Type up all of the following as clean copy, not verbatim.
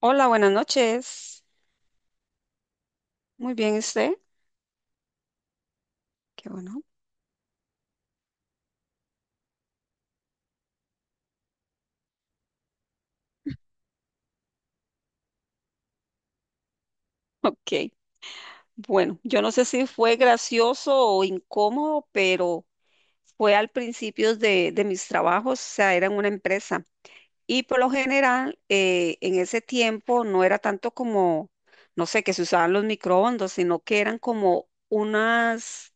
Hola, buenas noches. Muy bien, ¿y usted? Qué bueno. Ok. Bueno, yo no sé si fue gracioso o incómodo, pero fue al principio de mis trabajos, o sea, era en una empresa. Y por lo general, en ese tiempo no era tanto como, no sé, que se usaban los microondas, sino que eran como unas,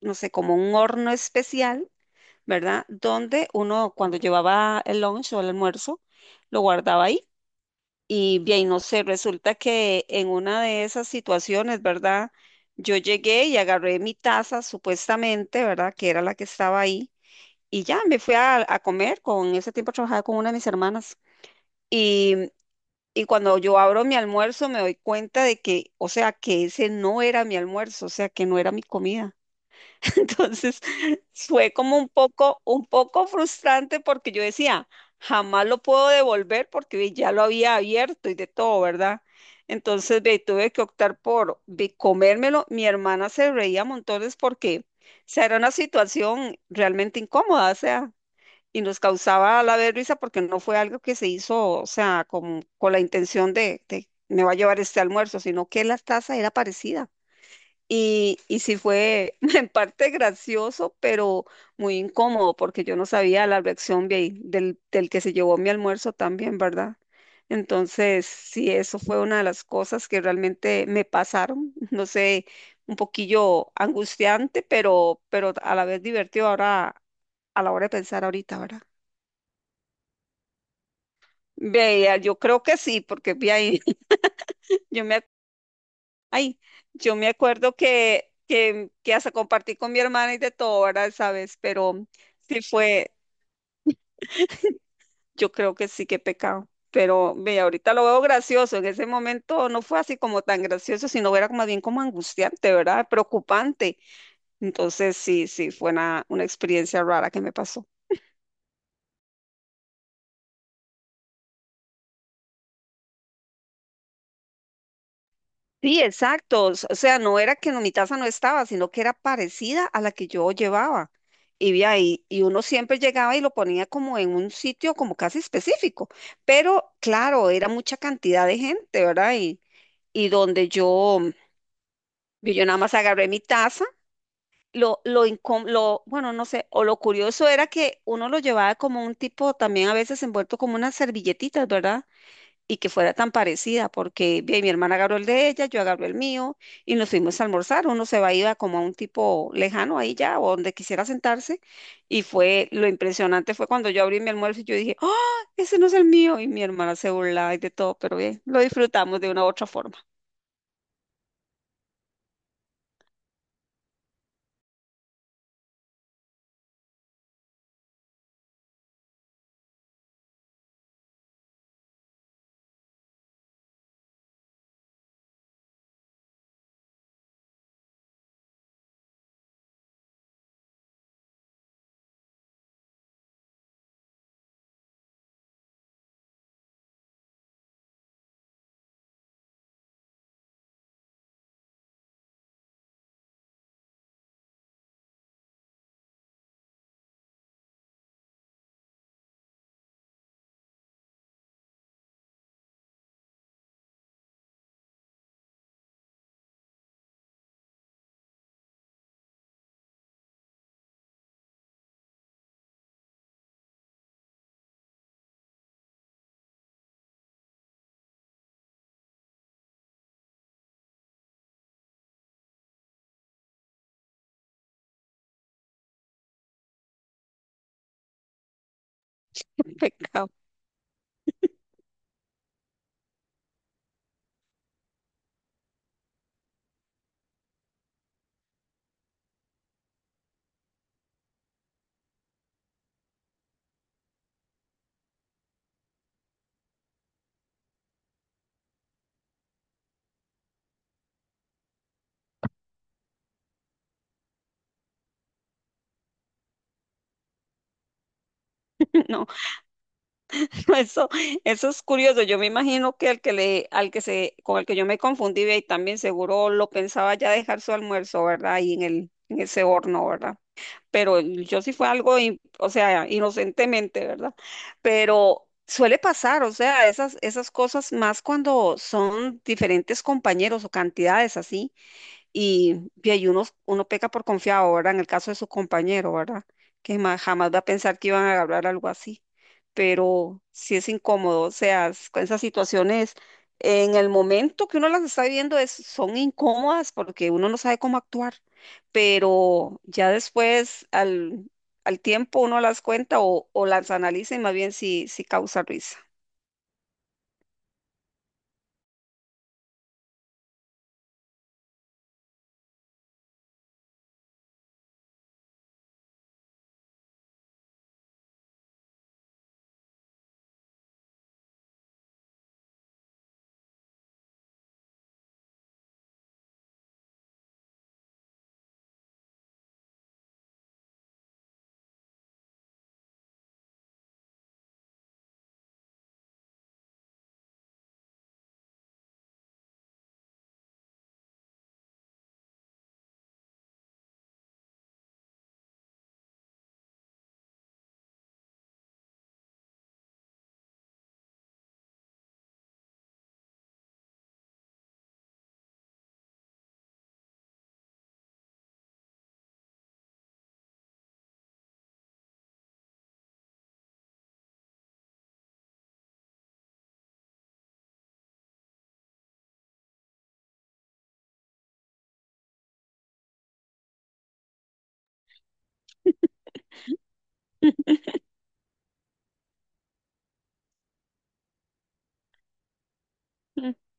no sé, como un horno especial, ¿verdad? Donde uno cuando llevaba el lunch o el almuerzo, lo guardaba ahí. Y bien, no sé, resulta que en una de esas situaciones, ¿verdad? Yo llegué y agarré mi taza, supuestamente, ¿verdad? Que era la que estaba ahí. Y ya me fui a comer. Con ese tiempo trabajaba con una de mis hermanas. Y, y cuando yo abro mi almuerzo, me doy cuenta de que, o sea, que ese no era mi almuerzo, o sea, que no era mi comida. Entonces fue como un poco frustrante porque yo decía, jamás lo puedo devolver porque ve, ya lo había abierto y de todo, ¿verdad? Entonces ve, tuve que optar por ve, comérmelo. Mi hermana se reía montones porque, o sea, era una situación realmente incómoda, o sea, y nos causaba a la vez risa porque no fue algo que se hizo, o sea, con la intención de me va a llevar este almuerzo, sino que la taza era parecida. Y sí fue en parte gracioso, pero muy incómodo, porque yo no sabía la reacción del que se llevó mi almuerzo también, ¿verdad? Entonces, sí, eso fue una de las cosas que realmente me pasaron, no sé, un poquillo angustiante, pero a la vez divertido ahora, a la hora de pensar ahorita, ¿verdad? Vea, yo creo que sí, porque vi ahí, yo me Ay, yo me acuerdo que hasta compartí con mi hermana y de todo, ¿verdad? ¿Sabes? Pero sí fue, yo creo que sí, que pecado. Pero ve, ahorita lo veo gracioso. En ese momento no fue así como tan gracioso, sino era más bien como angustiante, ¿verdad? Preocupante. Entonces sí, sí, fue una experiencia rara que me pasó. Sí, exacto. O sea, no era que no- mi taza no estaba, sino que era parecida a la que yo llevaba. Y, vi ahí, y uno siempre llegaba y lo ponía como en un sitio como casi específico. Pero claro, era mucha cantidad de gente, ¿verdad? Y donde yo nada más agarré mi taza. Bueno, no sé, o lo curioso era que uno lo llevaba como un tipo, también a veces envuelto como unas servilletitas, ¿verdad? Y que fuera tan parecida, porque ve, mi hermana agarró el de ella, yo agarré el mío y nos fuimos a almorzar. Uno se va iba como a un tipo lejano ahí ya, o donde quisiera sentarse. Y fue lo impresionante fue cuando yo abrí mi almuerzo y yo dije, ¡ah! Ese no es el mío. Y mi hermana se burlaba y de todo, pero bien, lo disfrutamos de una u otra forma. Pecado. No, no, eso es curioso. Yo me imagino que el que le, al que se, con el que yo me confundí, ve, y también seguro lo pensaba ya dejar su almuerzo, ¿verdad? Ahí en el, en ese horno, ¿verdad? Pero yo sí fue algo, in- o sea, inocentemente, ¿verdad? Pero suele pasar, o sea, esas cosas más cuando son diferentes compañeros o cantidades así. Y ahí uno peca por confiado, ahora en el caso de su compañero, ¿verdad? Que ma- jamás va a pensar que iban a hablar algo así. Pero sí es incómodo, o sea, es- con esas situaciones, en el momento que uno las está viviendo, es, son incómodas porque uno no sabe cómo actuar. Pero ya después, al tiempo, uno las cuenta o las analiza y más bien si sí sí causa risa.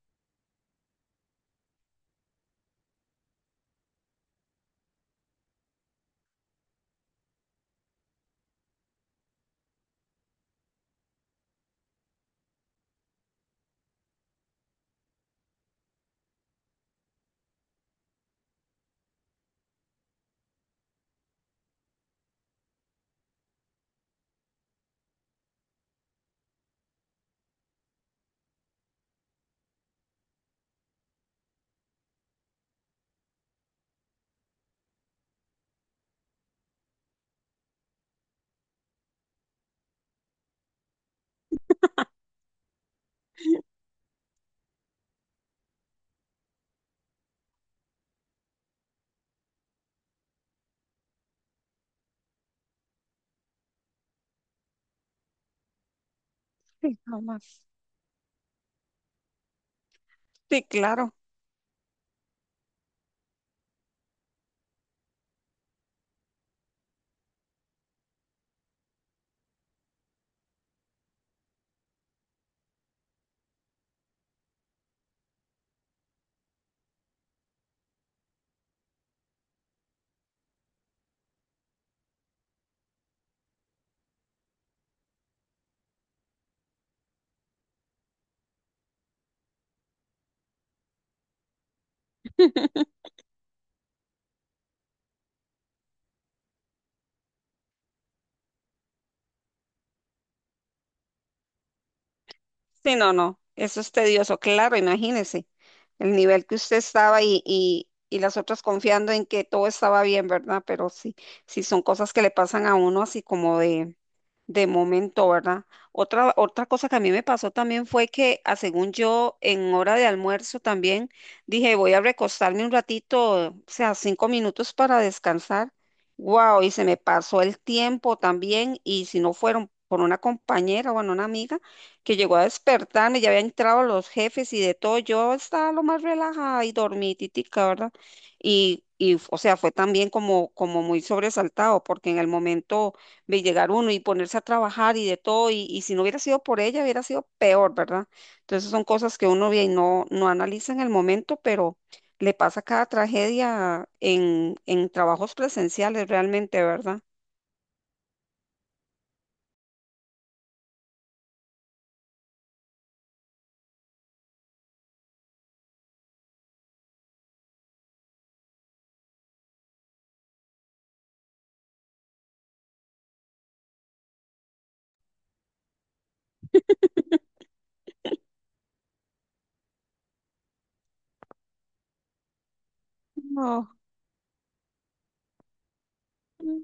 Sí, jamás. Sí, claro. Sí, no, no, eso es tedioso, claro, imagínese el nivel que usted estaba y las otras confiando en que todo estaba bien, ¿verdad? Pero sí, sí son cosas que le pasan a uno así como de... De momento, ¿verdad? Otra, otra cosa que a mí me pasó también fue que, a según yo, en hora de almuerzo también dije, voy a recostarme un ratito, o sea, 5 minutos para descansar. Wow, y se me pasó el tiempo también, y si no fueron por una compañera, bueno, una amiga que llegó a despertarme, ya habían entrado los jefes y de todo, yo estaba lo más relajada y dormititica, ¿verdad? Y, o sea, fue también como, como muy sobresaltado, porque en el momento de llegar uno y ponerse a trabajar y de todo, y si no hubiera sido por ella, hubiera sido peor, ¿verdad? Entonces son cosas que uno ve y no, no analiza en el momento, pero le pasa cada tragedia en trabajos presenciales realmente, ¿verdad? No, mm,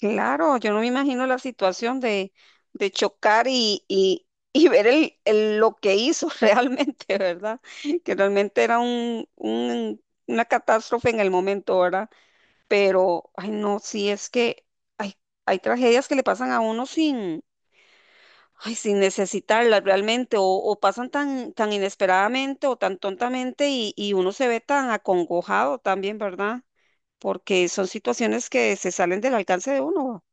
claro, yo no me imagino la situación de chocar y ver el- lo que hizo realmente, ¿verdad? Que realmente era un- una catástrofe en el momento, ¿verdad? Pero, ay, no, sí es que hay, hay tragedias que le pasan a uno sin, ay, sin necesitarlas realmente, o pasan tan inesperadamente o tan tontamente y uno se ve tan acongojado también, ¿verdad? Porque son situaciones que se salen del alcance de uno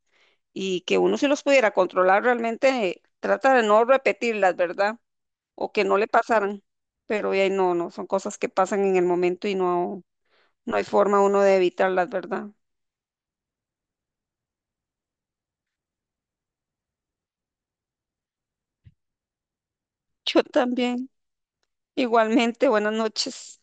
y que uno si los pudiera controlar realmente trata de no repetirlas, ¿verdad? O que no le pasaran, pero ay, no, no, son cosas que pasan en el momento y no, no hay forma uno de evitarlas, ¿verdad? Yo también. Igualmente, buenas noches.